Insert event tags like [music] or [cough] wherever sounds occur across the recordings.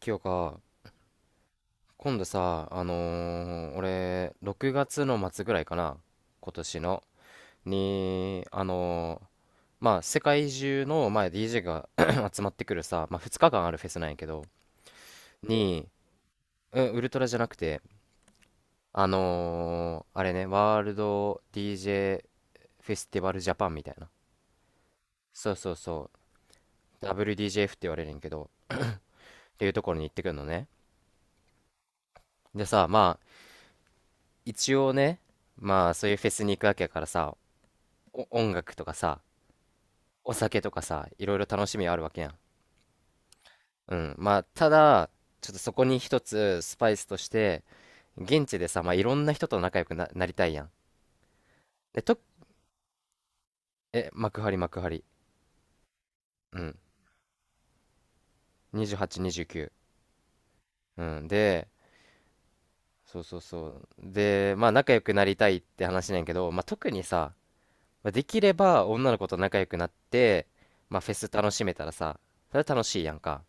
清か、今度さ、俺、6月の末ぐらいかな、今年の、に、あのーまあ、世界中の、まあ、DJ が [clears throat] 集まってくるさ、まあ、2日間あるフェスなんやけど、に、うん、ウルトラじゃなくて、あれね、ワールド DJ フェスティバルジャパンみたいな。そうそうそう、WDJF って言われるんやけど、っていうところに行ってくるのね。でさ、まあ、一応ね、まあ、そういうフェスに行くわけやからさ、お音楽とかさ、お酒とかさ、いろいろ楽しみあるわけやん。うん。まあ、ただ、ちょっとそこに一つスパイスとして、現地でさ、まあ、いろんな人と仲良くな、なりたいやん。で、幕張、幕張。うん。28、29。うん。で、そうそうそう。で、まあ、仲良くなりたいって話なんやけど、まあ、特にさ、まあできれば女の子と仲良くなって、まあ、フェス楽しめたらさ、それは楽しいやんか。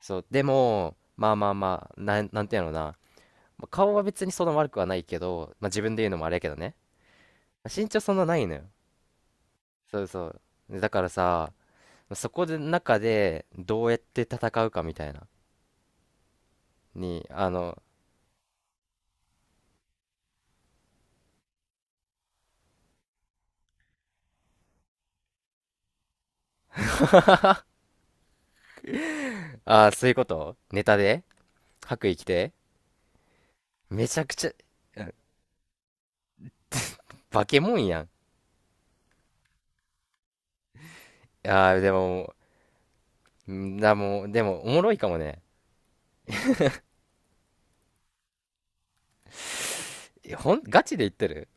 そう。でも、まあまあまあ、なんていうのな。まあ顔は別にそんな悪くはないけど、まあ、自分で言うのもあれやけどね。まあ身長そんなないのよ。そうそう。だからさ、そこで中でどうやって戦うかみたいな。に、あの、ああ、そういうことネタで白衣着てめちゃくちゃ、うん、バケモンやん。ああ、でも、もう、でも、おもろいかもね。えほん、ガチで言ってる？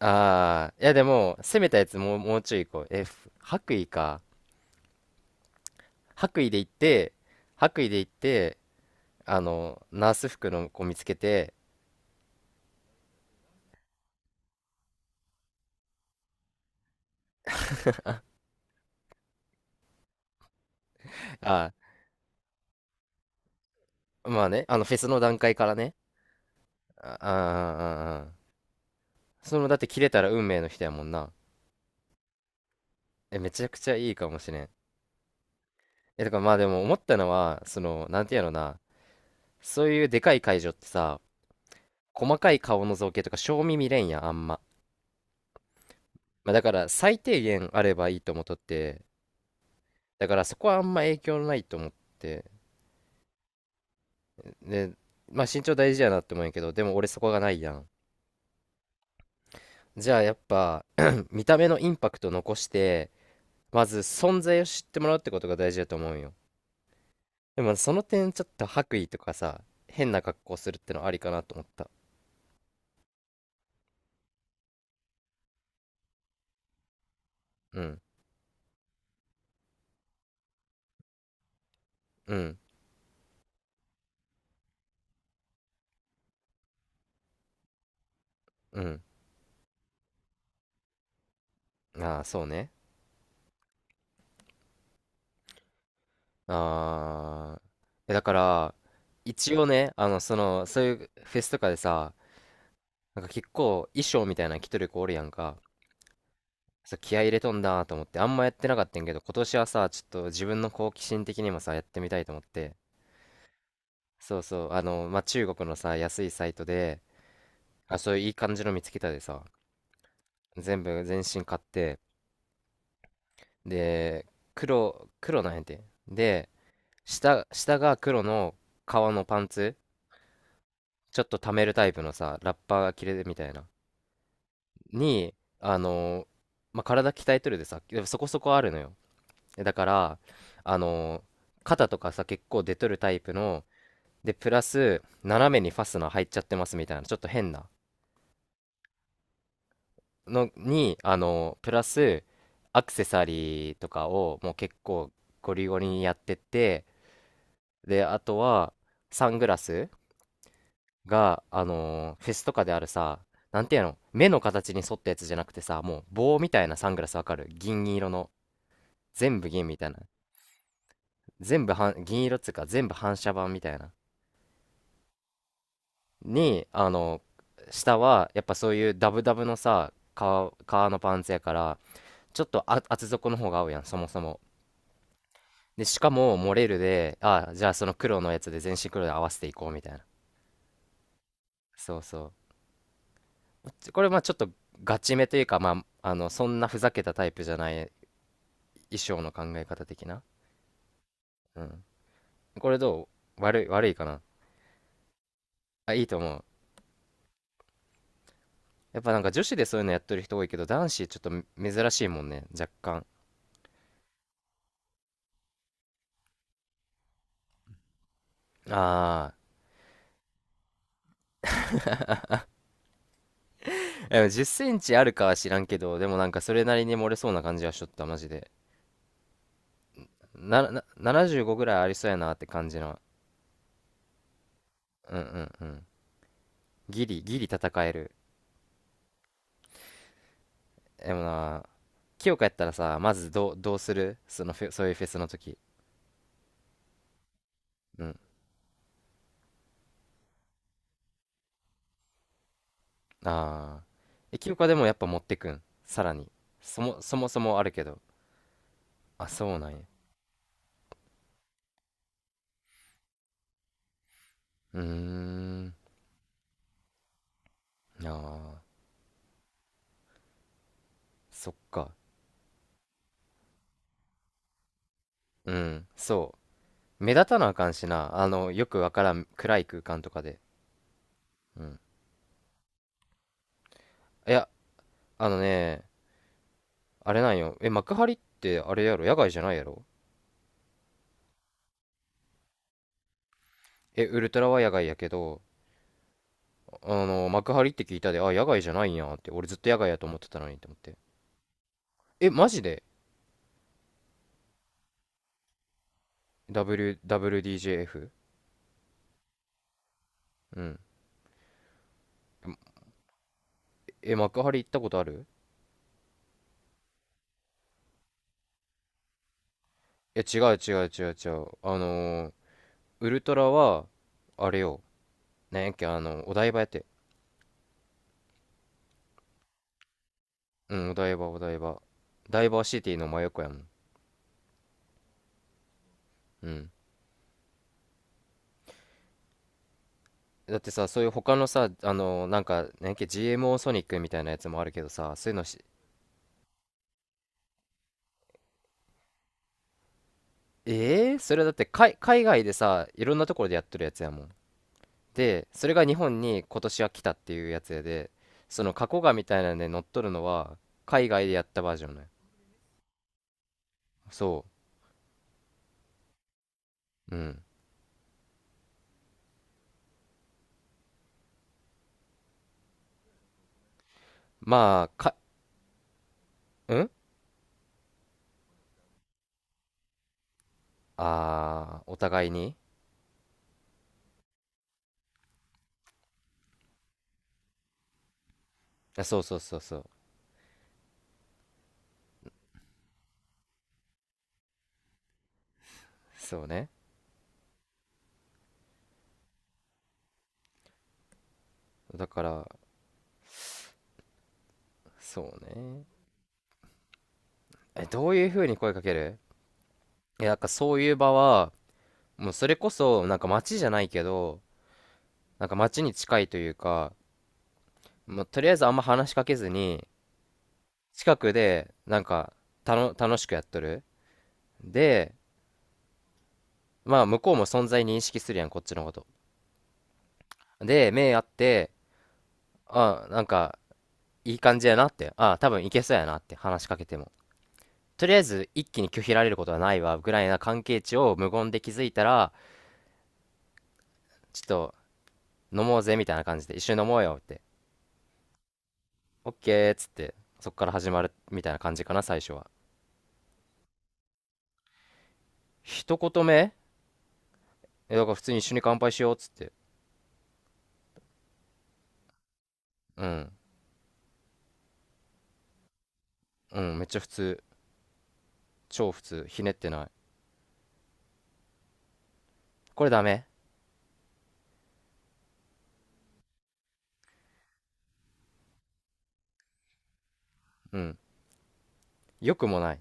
ああ、いやでも、攻めたやつ、もうちょい行こう。え、白衣か。白衣で行って、白衣で行って、あの、ナース服の子見つけて、あ、まあね、あの、フェスの段階からね、ああ、ああ、あその、だって切れたら運命の人やもんな。え、めちゃくちゃいいかもしれん。え、だからまあでも思ったのは、その、なんていうのな、そういうでかい会場ってさ、細かい顔の造形とか、正味見れんやん、あんま。まあだから最低限あればいいと思っとって、だからそこはあんま影響ないと思って、で、まあ身長大事やなって思うんやけど、でも俺そこがないやん。じゃあやっぱ [clears throat] 見た目のインパクト残して、まず存在を知ってもらうってことが大事だと思うよ。でもその点ちょっと白衣とかさ、変な格好するってのありかなと思った。うん、うん、うん。ああー、そうね。ああー。え、だから一応ね、そういうフェスとかでさ、なんか結構衣装みたいなの着とる子おるやんか。そう、気合い入れとんだと思ってあんまやってなかったんやけど、今年はさちょっと自分の好奇心的にもさやってみたいと思って。そうそう、あの、まあ、中国のさ、安いサイトで、あ、そういういい感じの見つけたでさ、全部全身買って、で、黒なんやて。で、下が黒の革のパンツ、ちょっと溜めるタイプのさ、ラッパーが着れるみたいな、に、あの、まあ、体鍛えとるでさ、でもそこそこあるのよ。だから、あの、肩とかさ、結構出とるタイプの、で、プラス、斜めにファスナー入っちゃってますみたいな、ちょっと変な。のに、あの、プラス、アクセサリーとかをもう結構ゴリゴリにやってて、で、あとは、サングラスが、フェスとかであるさ、なんていうの、目の形に沿ったやつじゃなくてさ、もう棒みたいなサングラス、わかる？銀色の。全部銀みたいな。全部反銀色っつうか、全部反射板みたいな。に、あの下は、やっぱそういうダブダブのさ、革のパンツやから、ちょっと厚底の方が合うやん、そもそも。で、しかも、モレルで、ああ、じゃあその黒のやつで全身黒で合わせていこうみたいな。そうそう。これ、まあちょっとガチめというか、まあ、あの、そんなふざけたタイプじゃない衣装の考え方的な。うん。これどう、悪いかな？あ、いいと思う。やっぱなんか女子でそういうのやってる人多いけど、男子ちょっと珍しいもんね、若干。ああ、でも10センチあるかは知らんけど、でもなんかそれなりに漏れそうな感じはしとった、マジで。な75ぐらいありそうやなって感じの。うん、うん、うん。ギリ戦える。でもな、清香やったらさ、まずどうする、そのフェそういうフェスの時。うん。ああ。え、清香でもやっぱ持ってくん？さらに。そもそもあるけど。あ、そうなんや。うーん。ああ、そっか。うん、そう。目立たなあかんしな。あの、よくわからん暗い空間とかで。うん。いや、あのね、あれなんよ。え、幕張ってあれやろ、野外じゃないやろ？え、ウルトラは野外やけど、あの、幕張って聞いたで、あ、野外じゃないんやって、俺ずっと野外やと思ってたのにって思って。え、マジで ?W、WDJF? うん。え、幕張行ったことある？え、違う違う違う違う。あのーウルトラは、あれよ。なんやっけ、あの、お台場やって。うん、お台場、お台場。ダイバーシティの真横やもん。うん。だってさ、そういう他のさ、あのーなんか、なんやっけ、GMO ソニックみたいなやつもあるけどさ、そういうのし、えー、それだって海外でさ、いろんなところでやってるやつやもん。でそれが日本に今年は来たっていうやつやで、その過去画みたいなんで乗っとるのは海外でやったバージョンね。そう、うん、まあか、うん、あー、お互いに。あ、そうそうそうそう、そうね。だから、そうね。え、どういう風に声かける？いや、なんかそういう場は、もうそれこそなんか街じゃないけど、なんか街に近いというか、もうとりあえずあんま話しかけずに、近くでなんか楽しくやっとる。で、まあ、向こうも存在認識するやん、こっちのこと。で、目合って、あ、なんか、いい感じやなって、あ、多分いけそうやなって話しかけても。とりあえず、一気に拒否られることはないわ、ぐらいな関係値を無言で気づいたら、ちょっと、飲もうぜ、みたいな感じで、一緒に飲もうよって、オッケーっつって、そっから始まる、みたいな感じかな、最初は。一言目、え、だから普通に一緒に乾杯しようっつって。うん。うん、めっちゃ普通。超普通。ひねってない。これダメ？うん。良くもない。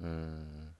うーん。